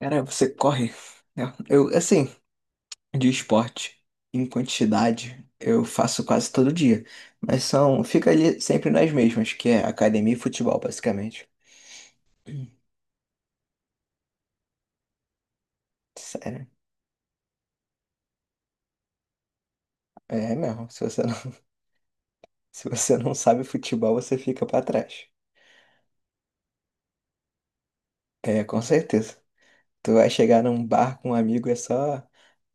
Cara, você corre, né? Eu, assim, de esporte em quantidade, eu faço quase todo dia. Mas são, fica ali sempre nas mesmas, que é academia e futebol, basicamente. Hum. Sério. É mesmo. Se você não, Se você não sabe futebol, você fica pra trás. É, com certeza. Tu vai chegar num bar com um amigo, e é só.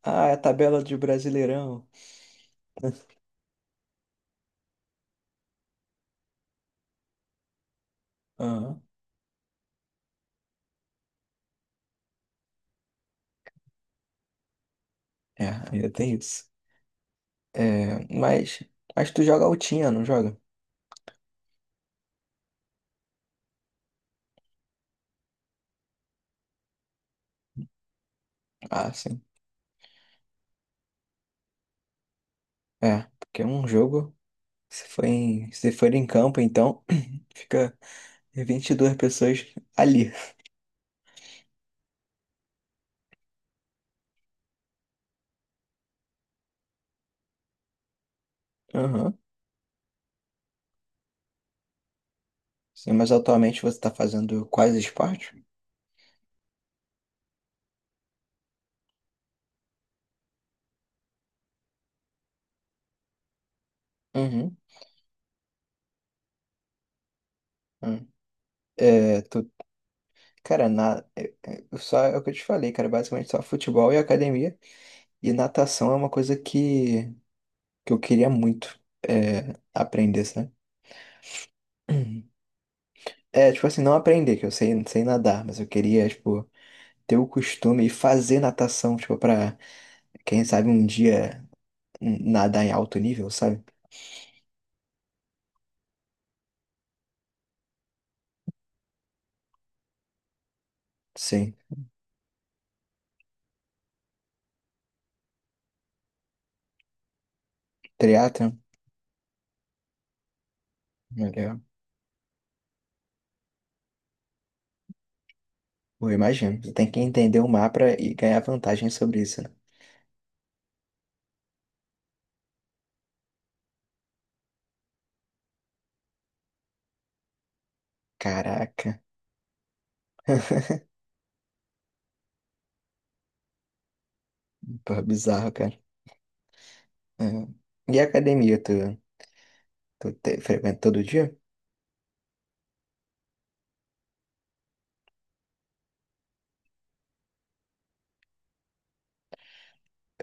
Ah, é a tabela de Brasileirão. Aham. É, ainda tem isso. É, mas tu joga altinha, não joga? Ah, sim. É, porque é um jogo, se for em campo, então fica 22 pessoas ali. Aham. Sim, mas atualmente você tá fazendo quais esportes? Uhum. Uhum. É, tu, cara, eu só é o que eu te falei, cara, basicamente só futebol e academia. E natação é uma coisa que eu queria muito aprender, sabe? Uhum. É, tipo assim, não aprender, que eu sei, sei nadar, mas eu queria, tipo, ter o costume e fazer natação, tipo, pra, quem sabe um dia nadar em alto nível, sabe? Sim. Triatlon, melhor. Eu imagino. Você tem que entender o mar pra e ganhar vantagem sobre isso, né? Caraca. Pô, bizarro, cara. É. E a academia, tu frequenta todo dia?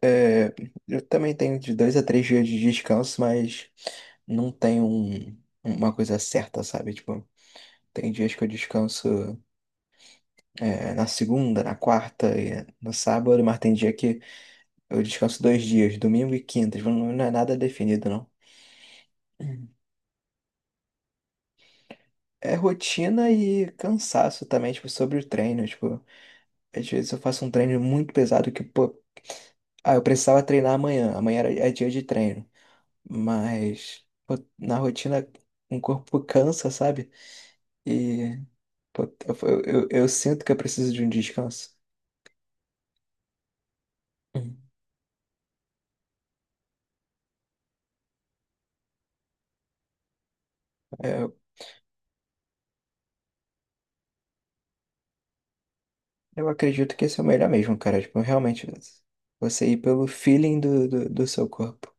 É, eu também tenho de 2 a 3 dias de descanso, mas não tenho uma coisa certa, sabe? Tipo, tem dias que eu descanso, na segunda, na quarta e no sábado, mas tem dia que eu descanso 2 dias, domingo e quinta. Tipo, não não é nada definido, não. É rotina e cansaço também, tipo, sobre o treino. Tipo, às vezes eu faço um treino muito pesado que, pô, ah, eu precisava treinar amanhã. Amanhã era, é dia de treino. Mas, pô, na rotina, o corpo cansa, sabe? E, pô, eu sinto que eu preciso de um descanso. Uhum. É, eu acredito que esse é o melhor mesmo, cara. Tipo, realmente, você ir pelo feeling do seu corpo.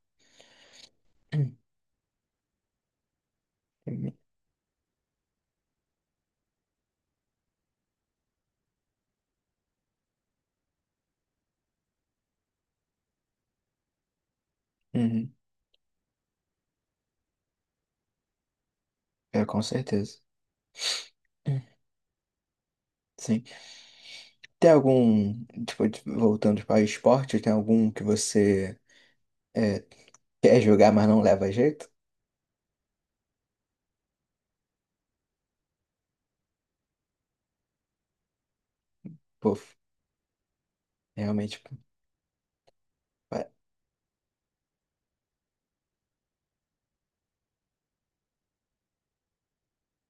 Uhum. É, com certeza. Hum. Sim. Tem algum, tipo, voltando para esporte, tem algum que você é, quer jogar, mas não leva jeito? Pô, realmente. Pô, pa-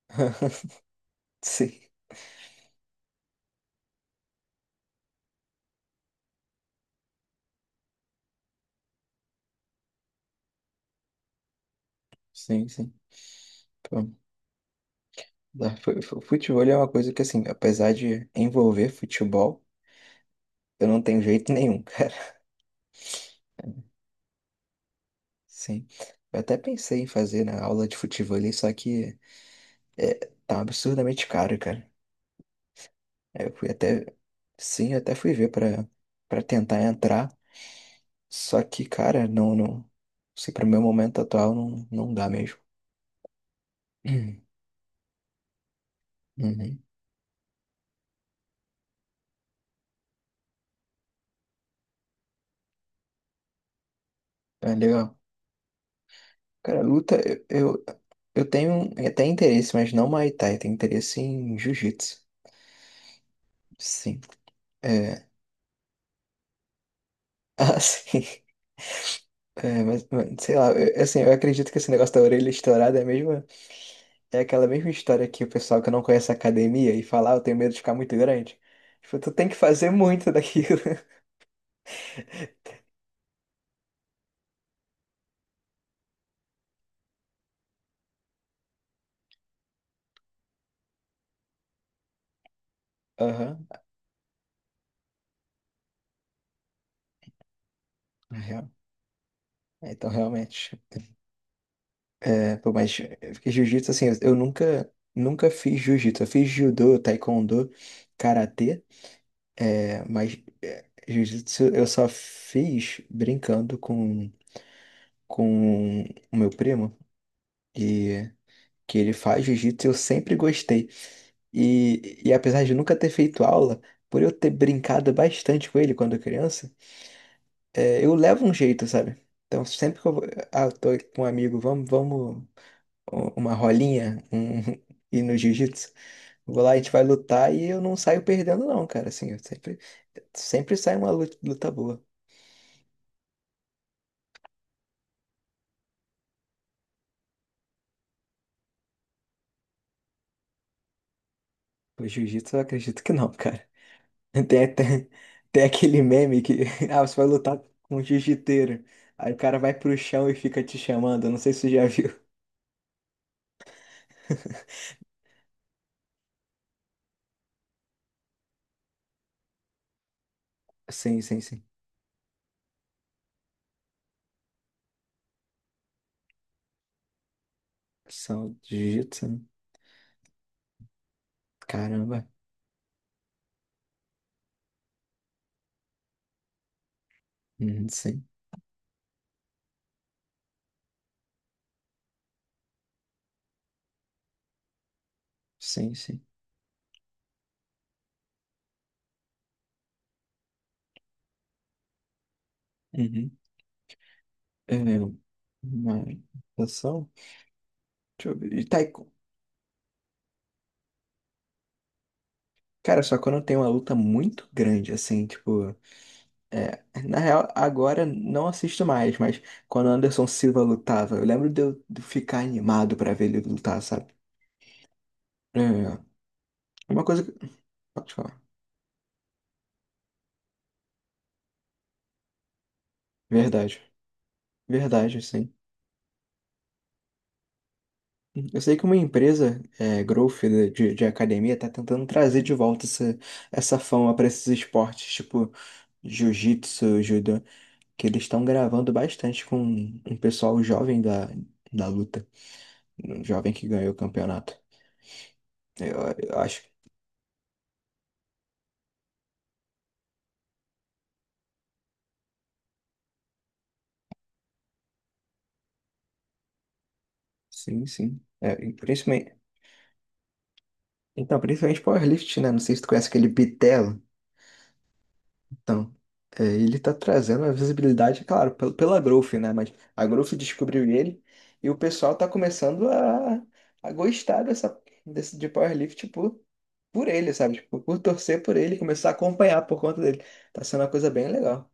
Sim, sim, sim. Pô, Futebol é uma coisa que, assim, apesar de envolver futebol, eu não tenho jeito nenhum, cara. Sim. Eu até pensei em fazer na aula de futebol ali, só que é, tá absurdamente caro, cara. Aí eu fui até, sim, eu até fui ver pra para tentar entrar, só que, cara, não, não, se pro meu momento atual não, não dá mesmo. Hum. Uhum. É legal. Cara, luta, eu tenho até interesse, mas não Muay Thai, tenho interesse em Jiu-Jitsu. Sim. É, assim, é, mas, sei lá, eu, assim, eu acredito que esse negócio da orelha estourada é a mesma, é aquela mesma história que o pessoal que não conhece a academia e fala, ah, eu tenho medo de ficar muito grande. Tipo, tu tem que fazer muito daquilo. Aham, na real. É, então, realmente, é, pô, mas eu fiquei jiu-jitsu, assim, eu nunca, nunca fiz jiu-jitsu. Eu fiz judô, taekwondo, karatê, é, mas é, jiu-jitsu eu só fiz brincando com o meu primo, e que ele faz jiu-jitsu, eu sempre gostei. E apesar de nunca ter feito aula, por eu ter brincado bastante com ele quando criança, eu levo um jeito, sabe? Então, sempre que eu vou, ah, eu tô com um amigo, vamos, vamos. Uma rolinha um, e no jiu-jitsu. Eu vou lá, a gente vai lutar e eu não saio perdendo, não, cara. Assim, eu sempre sai uma luta boa. O jiu-jitsu eu acredito que não, cara. Tem até tem aquele meme que ah, você vai lutar com um jiu-jiteiro. Aí o cara vai pro chão e fica te chamando. Eu não sei se você já viu. Sim, sim, sim. São de jiu-jitsu, né? Caramba. Uhum, sim, sim, sim. Uhum. É, uma natação? Deixa eu ver. Cara, só quando tem uma luta muito grande, assim, tipo. É, na real, agora não assisto mais, mas quando o Anderson Silva lutava, eu lembro de eu de ficar animado pra ver ele lutar, sabe? É, uma coisa que. Pode falar. Verdade. Verdade, sim. Eu sei que uma empresa, Growth de academia, tá tentando trazer de volta essa fama pra esses esportes, tipo jiu-jitsu, judô, que eles estão gravando bastante com um pessoal jovem da luta. Um jovem que ganhou o campeonato. Eu, eu acho. Sim, sim. É, e principalmente, então, principalmente powerlift, né? Não sei se tu conhece aquele Bitelo. Então, ele tá trazendo a visibilidade, claro, pela Growth, né? Mas a Growth descobriu ele e o pessoal tá começando a gostar dessa, desse, de powerlift por ele, sabe? Tipo, por torcer por ele, começar a acompanhar por conta dele. Tá sendo uma coisa bem legal.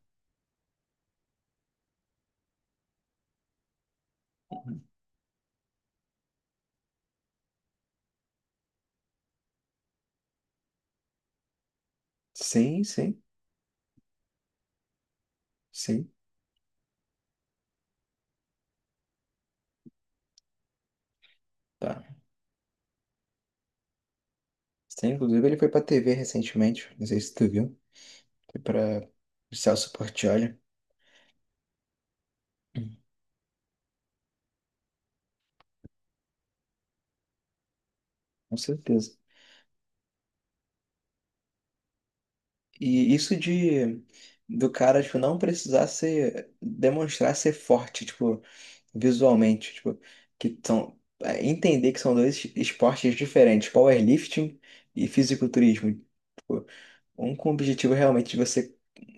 Sim, sim, sim. Tá. Sim, inclusive ele foi pra TV recentemente. Não sei se tu viu. Foi para o Celso Portiolli. Hum. Com certeza. E isso de do cara, tipo, não precisar ser, demonstrar ser forte, tipo, visualmente, tipo, que são, entender que são dois esportes diferentes, powerlifting e fisiculturismo. Tipo, um com o objetivo realmente de você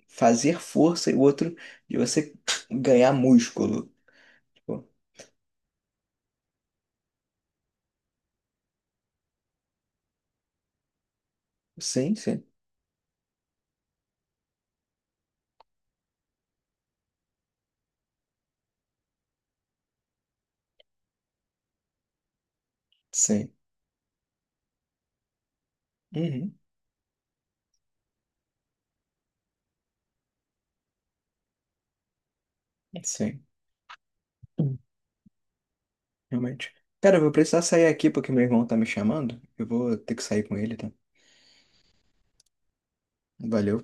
fazer força e o outro de você ganhar músculo. Tipo, sim, sim, sim. Uhum, sim. Realmente. Cara, eu vou precisar sair aqui porque meu irmão tá me chamando. Eu vou ter que sair com ele, tá? Valeu.